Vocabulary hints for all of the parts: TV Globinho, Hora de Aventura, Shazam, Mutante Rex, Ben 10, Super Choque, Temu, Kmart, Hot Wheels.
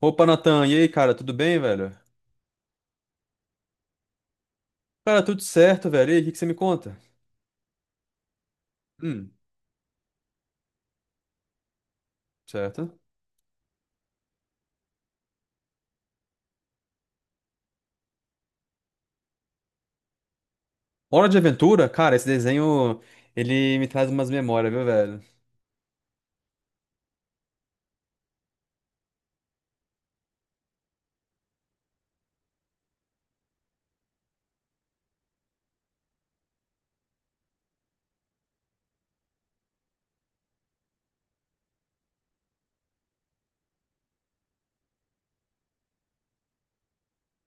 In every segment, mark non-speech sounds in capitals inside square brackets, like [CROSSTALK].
Opa, Natan, e aí, cara, tudo bem, velho? Cara, tudo certo, velho. E aí, o que que você me conta? Hum, certo. Hora de Aventura? Cara, esse desenho, ele me traz umas memórias, viu, velho?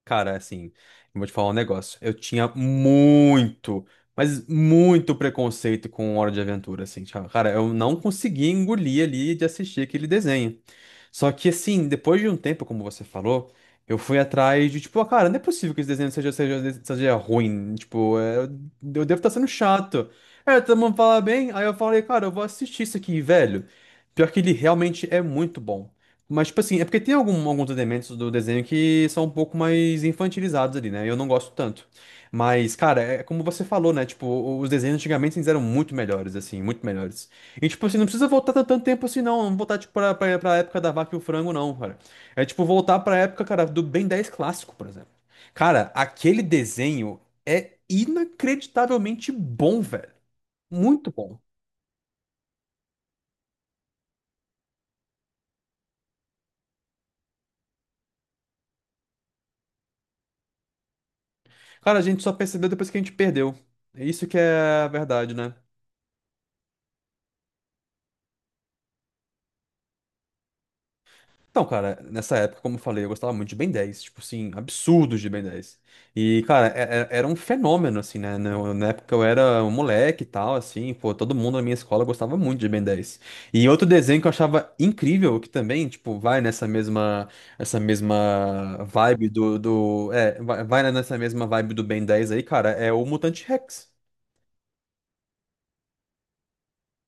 Cara, assim, eu vou te falar um negócio. Eu tinha muito, mas muito preconceito com Hora de Aventura, assim. Tipo, cara, eu não conseguia engolir ali de assistir aquele desenho. Só que assim, depois de um tempo, como você falou, eu fui atrás de, tipo, ah, cara, não é possível que esse desenho seja ruim. Tipo, é, eu devo estar sendo chato. É, todo mundo fala bem, aí eu falei, cara, eu vou assistir isso aqui, velho. Pior que ele realmente é muito bom. Mas, tipo assim, é porque tem alguns elementos do desenho que são um pouco mais infantilizados ali, né? Eu não gosto tanto. Mas, cara, é como você falou, né? Tipo, os desenhos antigamente eles eram muito melhores, assim, muito melhores. E, tipo assim, não precisa voltar tanto tanto tempo assim, não. Não voltar, tipo, pra época da vaca e o frango, não, cara. É, tipo, voltar pra época, cara, do Ben 10 clássico, por exemplo. Cara, aquele desenho é inacreditavelmente bom, velho. Muito bom. Cara, a gente só percebeu depois que a gente perdeu. É isso que é a verdade, né? Então, cara, nessa época, como eu falei, eu gostava muito de Ben 10, tipo assim, absurdos de Ben 10. E, cara, era um fenômeno, assim, né? Na época eu era um moleque e tal, assim, pô, todo mundo na minha escola gostava muito de Ben 10. E outro desenho que eu achava incrível, que também, tipo, vai nessa mesma, essa mesma vibe do, do, é, vai vai nessa mesma vibe do Ben 10 aí, cara, é o Mutante Rex.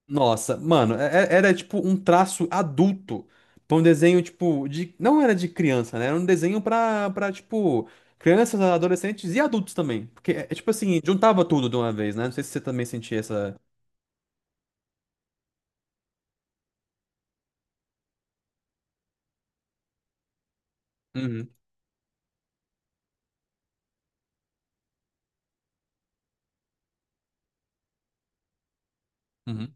Nossa, mano, era tipo um traço adulto pra um desenho, tipo, de. Não era de criança, né? Era um desenho pra, pra tipo, crianças, adolescentes e adultos também. Porque, é tipo assim, juntava tudo de uma vez, né? Não sei se você também sentia essa. Uhum, uhum.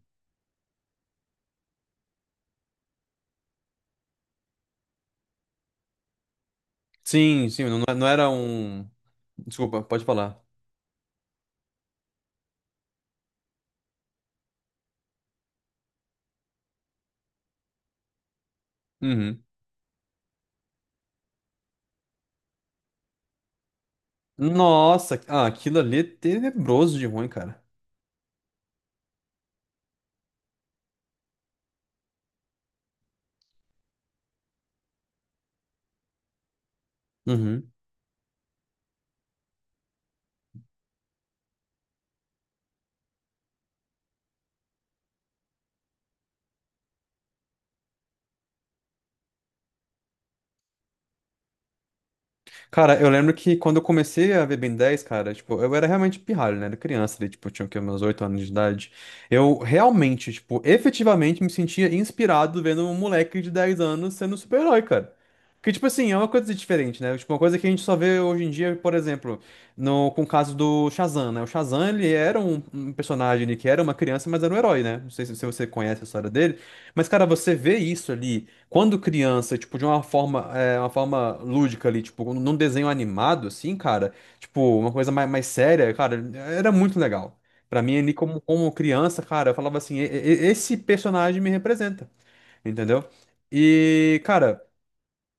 Sim, sim, não, não era um. Desculpa, pode falar. Uhum. Nossa, ah, aquilo ali é tenebroso de ruim, cara. Uhum. Cara, eu lembro que quando eu comecei a ver Ben 10 cara, tipo, eu era realmente pirralho, né? Era criança, ali, tipo, eu tinha o quê, meus 8 anos de idade. Eu realmente, tipo, efetivamente me sentia inspirado vendo um moleque de 10 anos sendo um super-herói, cara. Que, tipo assim, é uma coisa diferente, né? Tipo, uma coisa que a gente só vê hoje em dia, por exemplo, no, com o caso do Shazam, né? O Shazam, ele era um personagem ali que era uma criança, mas era um herói, né? Não sei se você conhece a história dele. Mas, cara, você vê isso ali. Quando criança, tipo, de uma forma, uma forma lúdica ali, tipo, num desenho animado, assim, cara, tipo, uma coisa mais séria, cara, era muito legal. Pra mim, ali, como criança, cara, eu falava assim, "Esse personagem me representa, entendeu?" E, cara,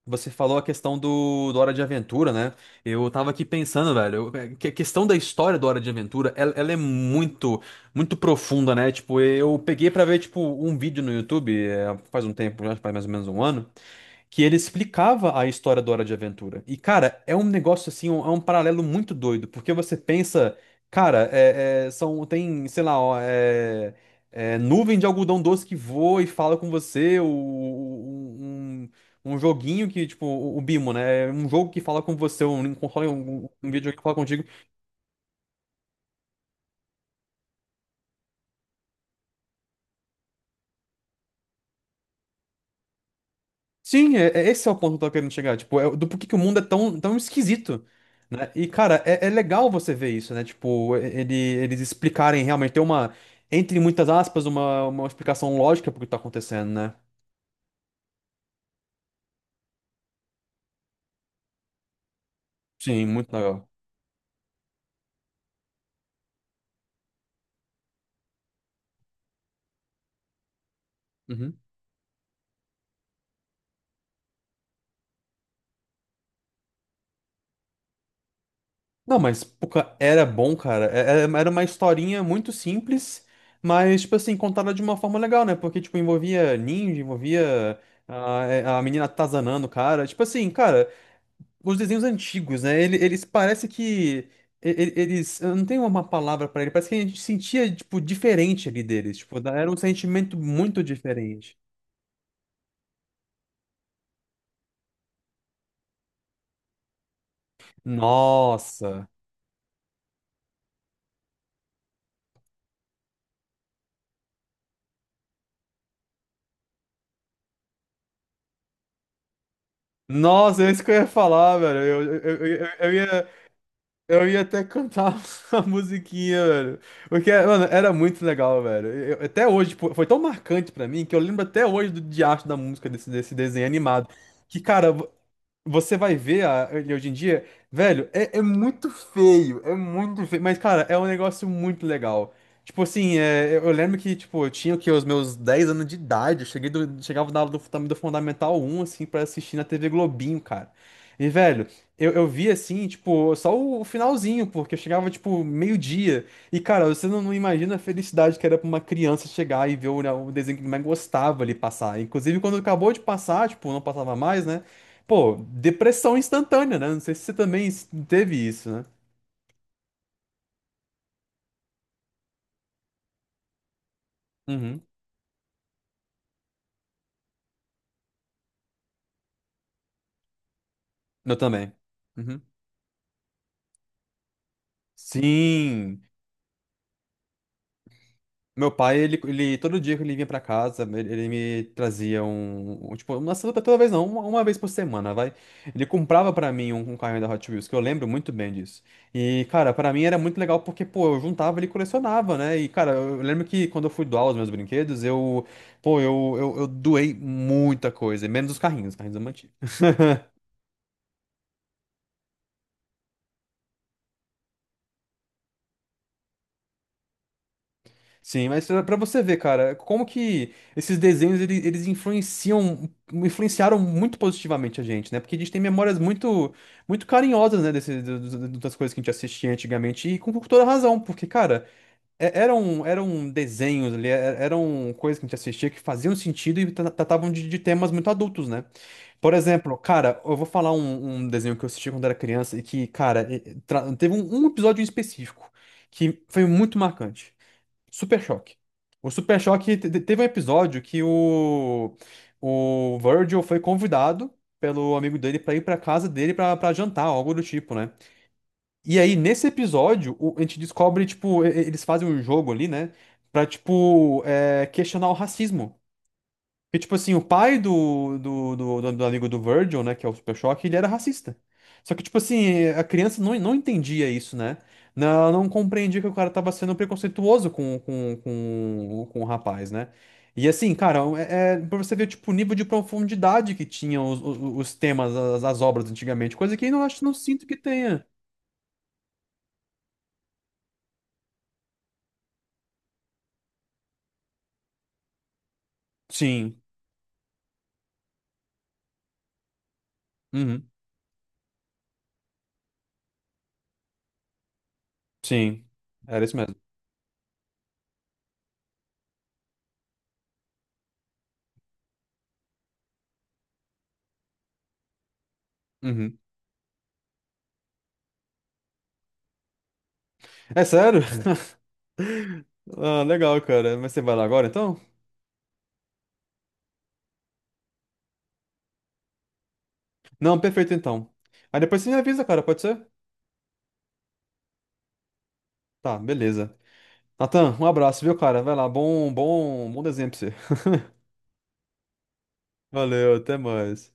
você falou a questão do Hora de Aventura, né? Eu tava aqui pensando, velho, que a questão da história do Hora de Aventura, ela é muito, muito profunda, né? Tipo, eu peguei pra ver, tipo, um vídeo no YouTube, faz um tempo, já faz mais ou menos um ano, que ele explicava a história do Hora de Aventura. E, cara, é um negócio assim, é um paralelo muito doido, porque você pensa, cara, são, tem, sei lá, ó, nuvem de algodão doce que voa e fala com você, um joguinho que, tipo, o Bimo, né? É um jogo que fala com você, um, console, um videogame que fala contigo. Sim, esse é o ponto que eu tô querendo chegar, tipo, é do porquê que o mundo é tão, tão esquisito, né? E, cara, é legal você ver isso, né? Tipo, eles explicarem realmente, ter uma, entre muitas aspas, uma explicação lógica pro que tá acontecendo, né? Sim, muito legal. Uhum. Não, mas, pô, era bom, cara. Era uma historinha muito simples, mas, tipo assim, contada de uma forma legal, né? Porque, tipo, envolvia ninja, envolvia a menina atazanando o cara, tipo assim, cara. Os desenhos antigos, né? Eles, parece que eu não tenho uma palavra pra ele, parece que a gente sentia tipo diferente ali deles, tipo, era um sentimento muito diferente. Nossa. Nossa, é isso que eu ia falar, velho. Eu ia até cantar [LAUGHS] a musiquinha, velho. Porque, mano, era muito legal, velho. Até hoje, tipo, foi tão marcante pra mim que eu lembro até hoje do diacho da música desse desenho animado. Que, cara, você vai ver ele hoje em dia, velho, é muito feio, é muito feio, mas, cara, é um negócio muito legal. Tipo assim, eu lembro que, tipo, eu tinha, o quê, os meus 10 anos de idade, eu cheguei chegava na aula do Fundamental um, assim, pra assistir na TV Globinho, cara. E, velho, eu vi, assim, tipo, só o finalzinho, porque eu chegava, tipo, meio-dia. E, cara, você não, não imagina a felicidade que era pra uma criança chegar e ver o, né, o desenho que mais gostava ali passar. Inclusive, quando acabou de passar, tipo, não passava mais, né? Pô, depressão instantânea, né? Não sei se você também teve isso, né? Uhum. Eu também. Uhum. Sim. Meu pai, ele todo dia que ele vinha pra casa, ele me trazia tipo, uma pra toda vez não, uma vez por semana, vai. Ele comprava pra mim um carrinho da Hot Wheels, que eu lembro muito bem disso. E, cara, pra mim era muito legal porque, pô, eu juntava, ele colecionava, né? E, cara, eu lembro que quando eu fui doar os meus brinquedos, eu. Pô, eu doei muita coisa, menos os carrinhos eu mantive. Sim, mas pra você ver, cara, como que esses desenhos eles influenciaram muito positivamente a gente, né? Porque a gente tem memórias muito, muito carinhosas, né, das coisas que a gente assistia antigamente, e com toda razão, porque, cara, eram desenhos ali, eram coisas que a gente assistia que faziam sentido e tratavam de temas muito adultos, né? Por exemplo, cara, eu vou falar um desenho que eu assisti quando era criança e que, cara, teve um episódio em específico que foi muito marcante. Super Choque. O Super Choque teve um episódio que o Virgil foi convidado pelo amigo dele pra ir pra casa dele pra jantar, algo do tipo, né? E aí, nesse episódio, a gente descobre, tipo, eles fazem um jogo ali, né? Pra, tipo, questionar o racismo. Porque, tipo assim, o pai do amigo do Virgil, né, que é o Super Choque, ele era racista. Só que, tipo assim, a criança não, não entendia isso, né? Não, ela não compreendia que o cara tava sendo preconceituoso com o rapaz, né? E assim, cara, é pra você ver, tipo, o nível de profundidade que tinham os temas, as obras antigamente, coisa que eu não sinto que tenha. Sim. Uhum. Sim. Era isso mesmo. Uhum. É sério? [LAUGHS] Ah, legal, cara. Mas você vai lá agora, então? Não, perfeito então. Aí depois você me avisa, cara, pode ser? Tá, beleza. Natan, um abraço, viu, cara? Vai lá, bom, bom, bom desenho pra você. [LAUGHS] Valeu, até mais.